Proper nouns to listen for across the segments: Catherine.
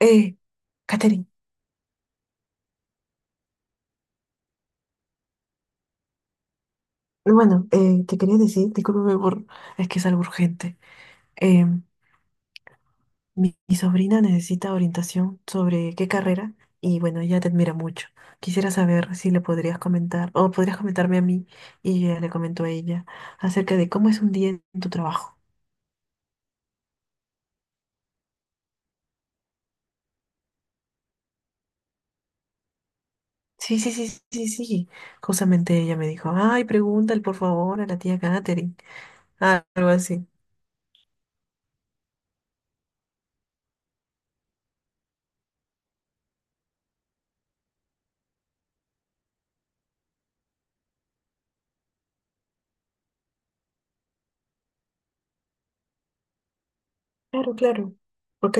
Eh, Catherine, bueno, te quería decir, discúlpame por, es que es algo urgente. Eh, mi sobrina necesita orientación sobre qué carrera, y bueno, ella te admira mucho. Quisiera saber si le podrías comentar o podrías comentarme a mí y yo ya le comento a ella acerca de cómo es un día en tu trabajo. Sí, sí, sí, sí, sí. Justamente ella me dijo, ay, pregúntale por favor a la tía Catherine. Ah, algo así. Claro, claro. Ok,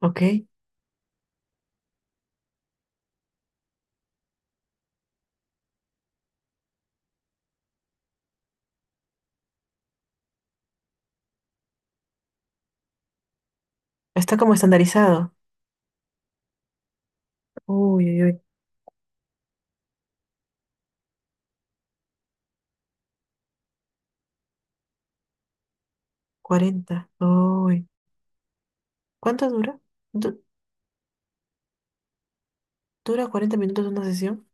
ok. Está como estandarizado. Uy, uy, uy. 40, uy. ¿Cuánto dura? Du- ¿Dura 40 minutos una sesión?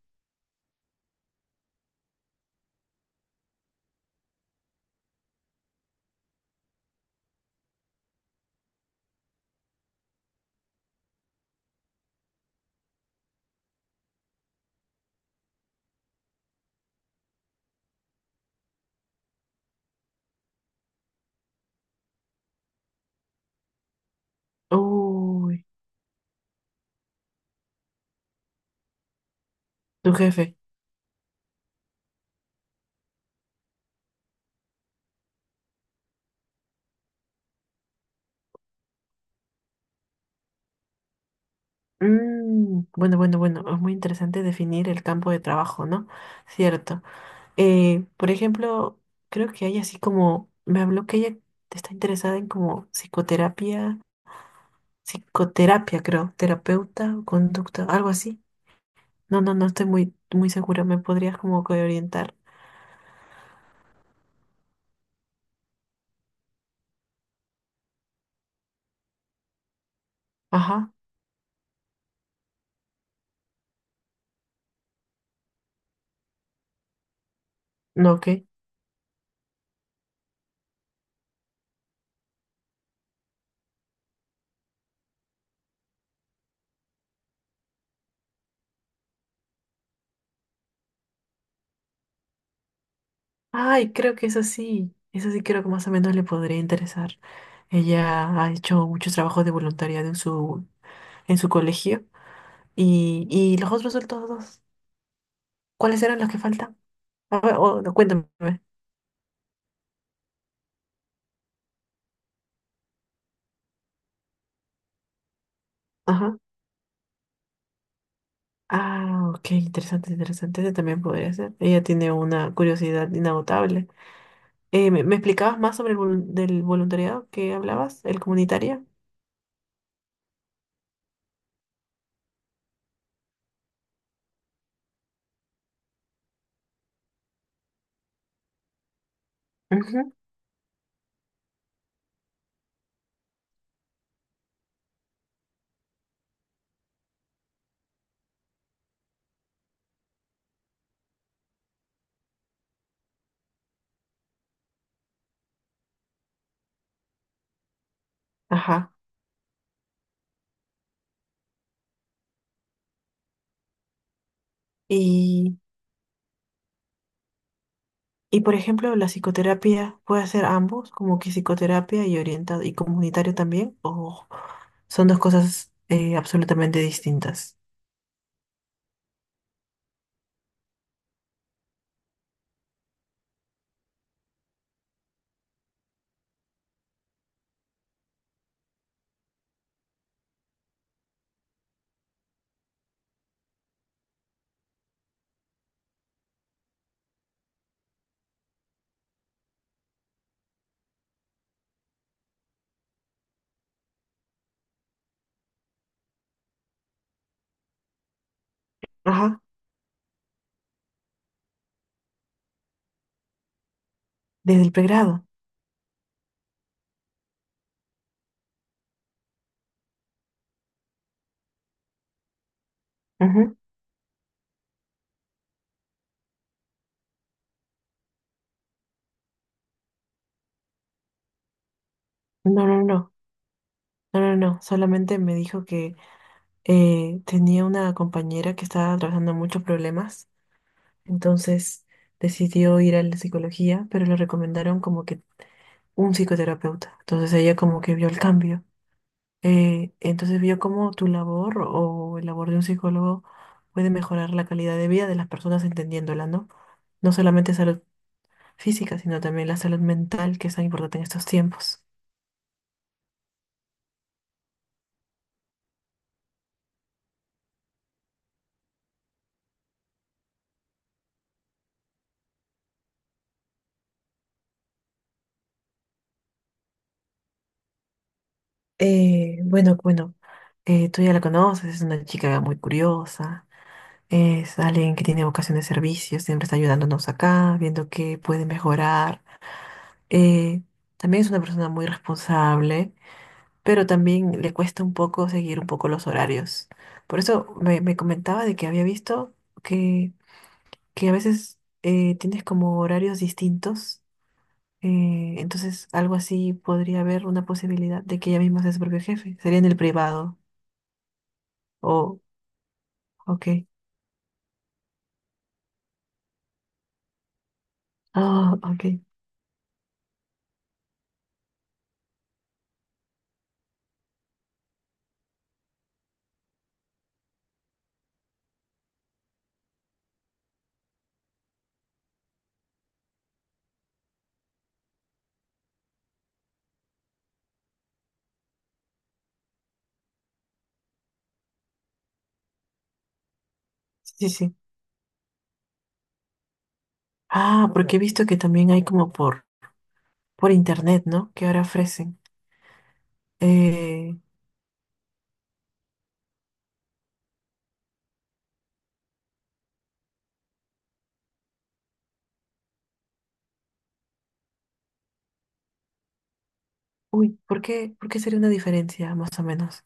Uy. Tu jefe. Mm, bueno, bueno, bueno. Es muy interesante definir el campo de trabajo, ¿no? Cierto. Por ejemplo, creo que hay así como. Me habló que ella está interesada en como psicoterapia. Psicoterapia, creo. Terapeuta o conducta, algo así. No, no, no estoy muy, muy segura. ¿Me podrías como que orientar? Ajá. No, ok. Ay, creo que es así. Es así, creo que más o menos le podría interesar. Ella ha hecho muchos trabajos de voluntariado en su colegio. Y los otros resultados, ¿cuáles eran los que faltan? A ver, no, cuéntame. Ajá. Ah, ok, interesante, interesante. Ese también podría ser. Ella tiene una curiosidad inagotable. ¿Me, me explicabas más sobre el del voluntariado que hablabas, el comunitario? Ujú. Ajá. Y. Y por ejemplo, la psicoterapia puede hacer ambos, como que psicoterapia y orientado y comunitario también, o son dos cosas absolutamente distintas. Ajá, desde el pregrado. Ujú. No, no, no, no, no, no. Solamente me dijo que tenía una compañera que estaba atravesando muchos problemas, entonces decidió ir a la psicología, pero le recomendaron como que un psicoterapeuta. Entonces ella como que vio el cambio. Entonces vio cómo tu labor o el labor de un psicólogo puede mejorar la calidad de vida de las personas entendiéndola, ¿no? No solamente salud física, sino también la salud mental, que es tan importante en estos tiempos. Bueno, bueno, tú ya la conoces, es una chica muy curiosa, es alguien que tiene vocación de servicio, siempre está ayudándonos acá, viendo qué puede mejorar. Eh, También es una persona muy responsable, pero también le cuesta un poco seguir un poco los horarios. Por eso me comentaba de que había visto que, que a veces tienes como horarios distintos, entonces algo así podría haber una posibilidad de que ella misma sea su propio jefe, sería en el privado, o, ok, ah, ok, sí, sí, sí. Ah, porque he visto que también hay como por internet, ¿no? Que ahora ofrecen. Eh, uy, por qué sería una diferencia, más o menos?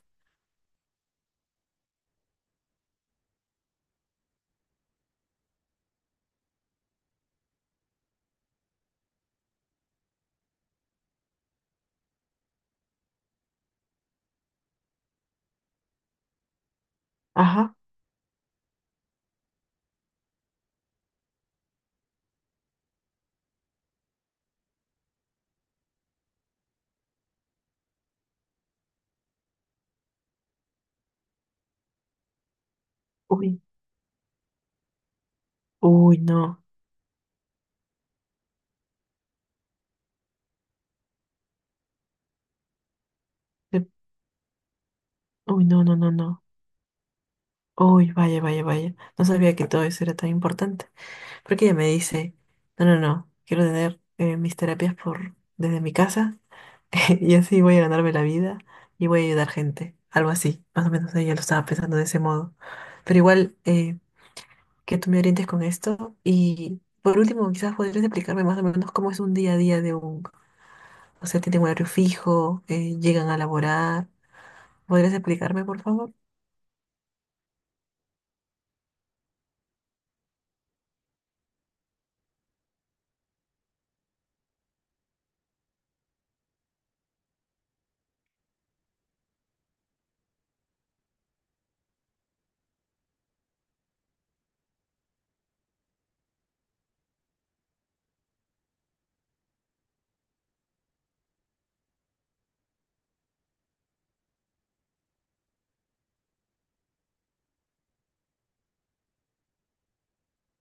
Ajá, uy, uy, no. Uy, no, no, no, no. Uy, vaya, vaya, vaya. No sabía que todo eso era tan importante. Porque ella me dice, no, no, no, quiero tener mis terapias por desde mi casa y así voy a ganarme la vida y voy a ayudar gente. Algo así. Más o menos ella lo estaba pensando de ese modo. Pero igual, que tú me orientes con esto y por último, quizás podrías explicarme más o menos cómo es un día a día de un, o sea, tienen un horario fijo, llegan a laborar. ¿Podrías explicarme, por favor?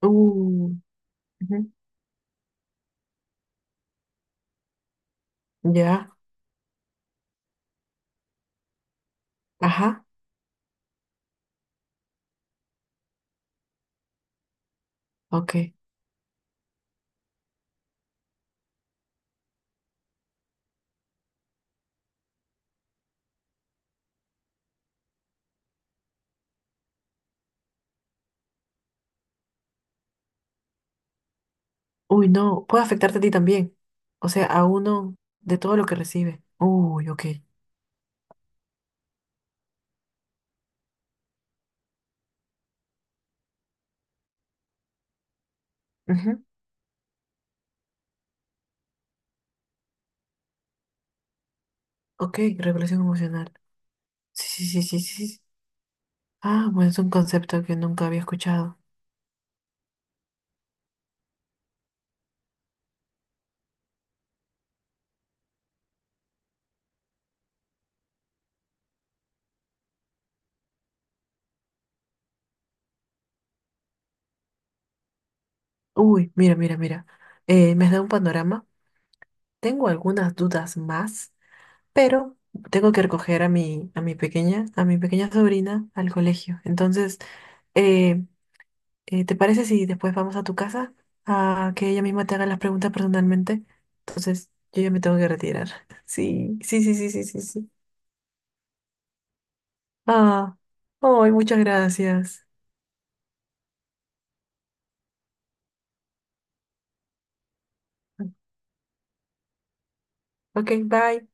Uh, ujú. Ya. Ajá, ok. Uy, no, puede afectarte a ti también. O sea, a uno de todo lo que recibe. Uy, ok. Ujú, ok, regulación emocional. Sí, sí, sí, sí, sí, sí. Ah, bueno, es un concepto que nunca había escuchado. Uy, mira, mira, mira. Me has dado un panorama. Tengo algunas dudas más, pero tengo que recoger a a mi pequeña sobrina al colegio. Entonces, eh, ¿te parece si después vamos a tu casa a que ella misma te haga las preguntas personalmente? Entonces, yo ya me tengo que retirar. Sí, sí, sí, sí, sí, sí, sí. Ah, ay, muchas gracias. Ok, bye.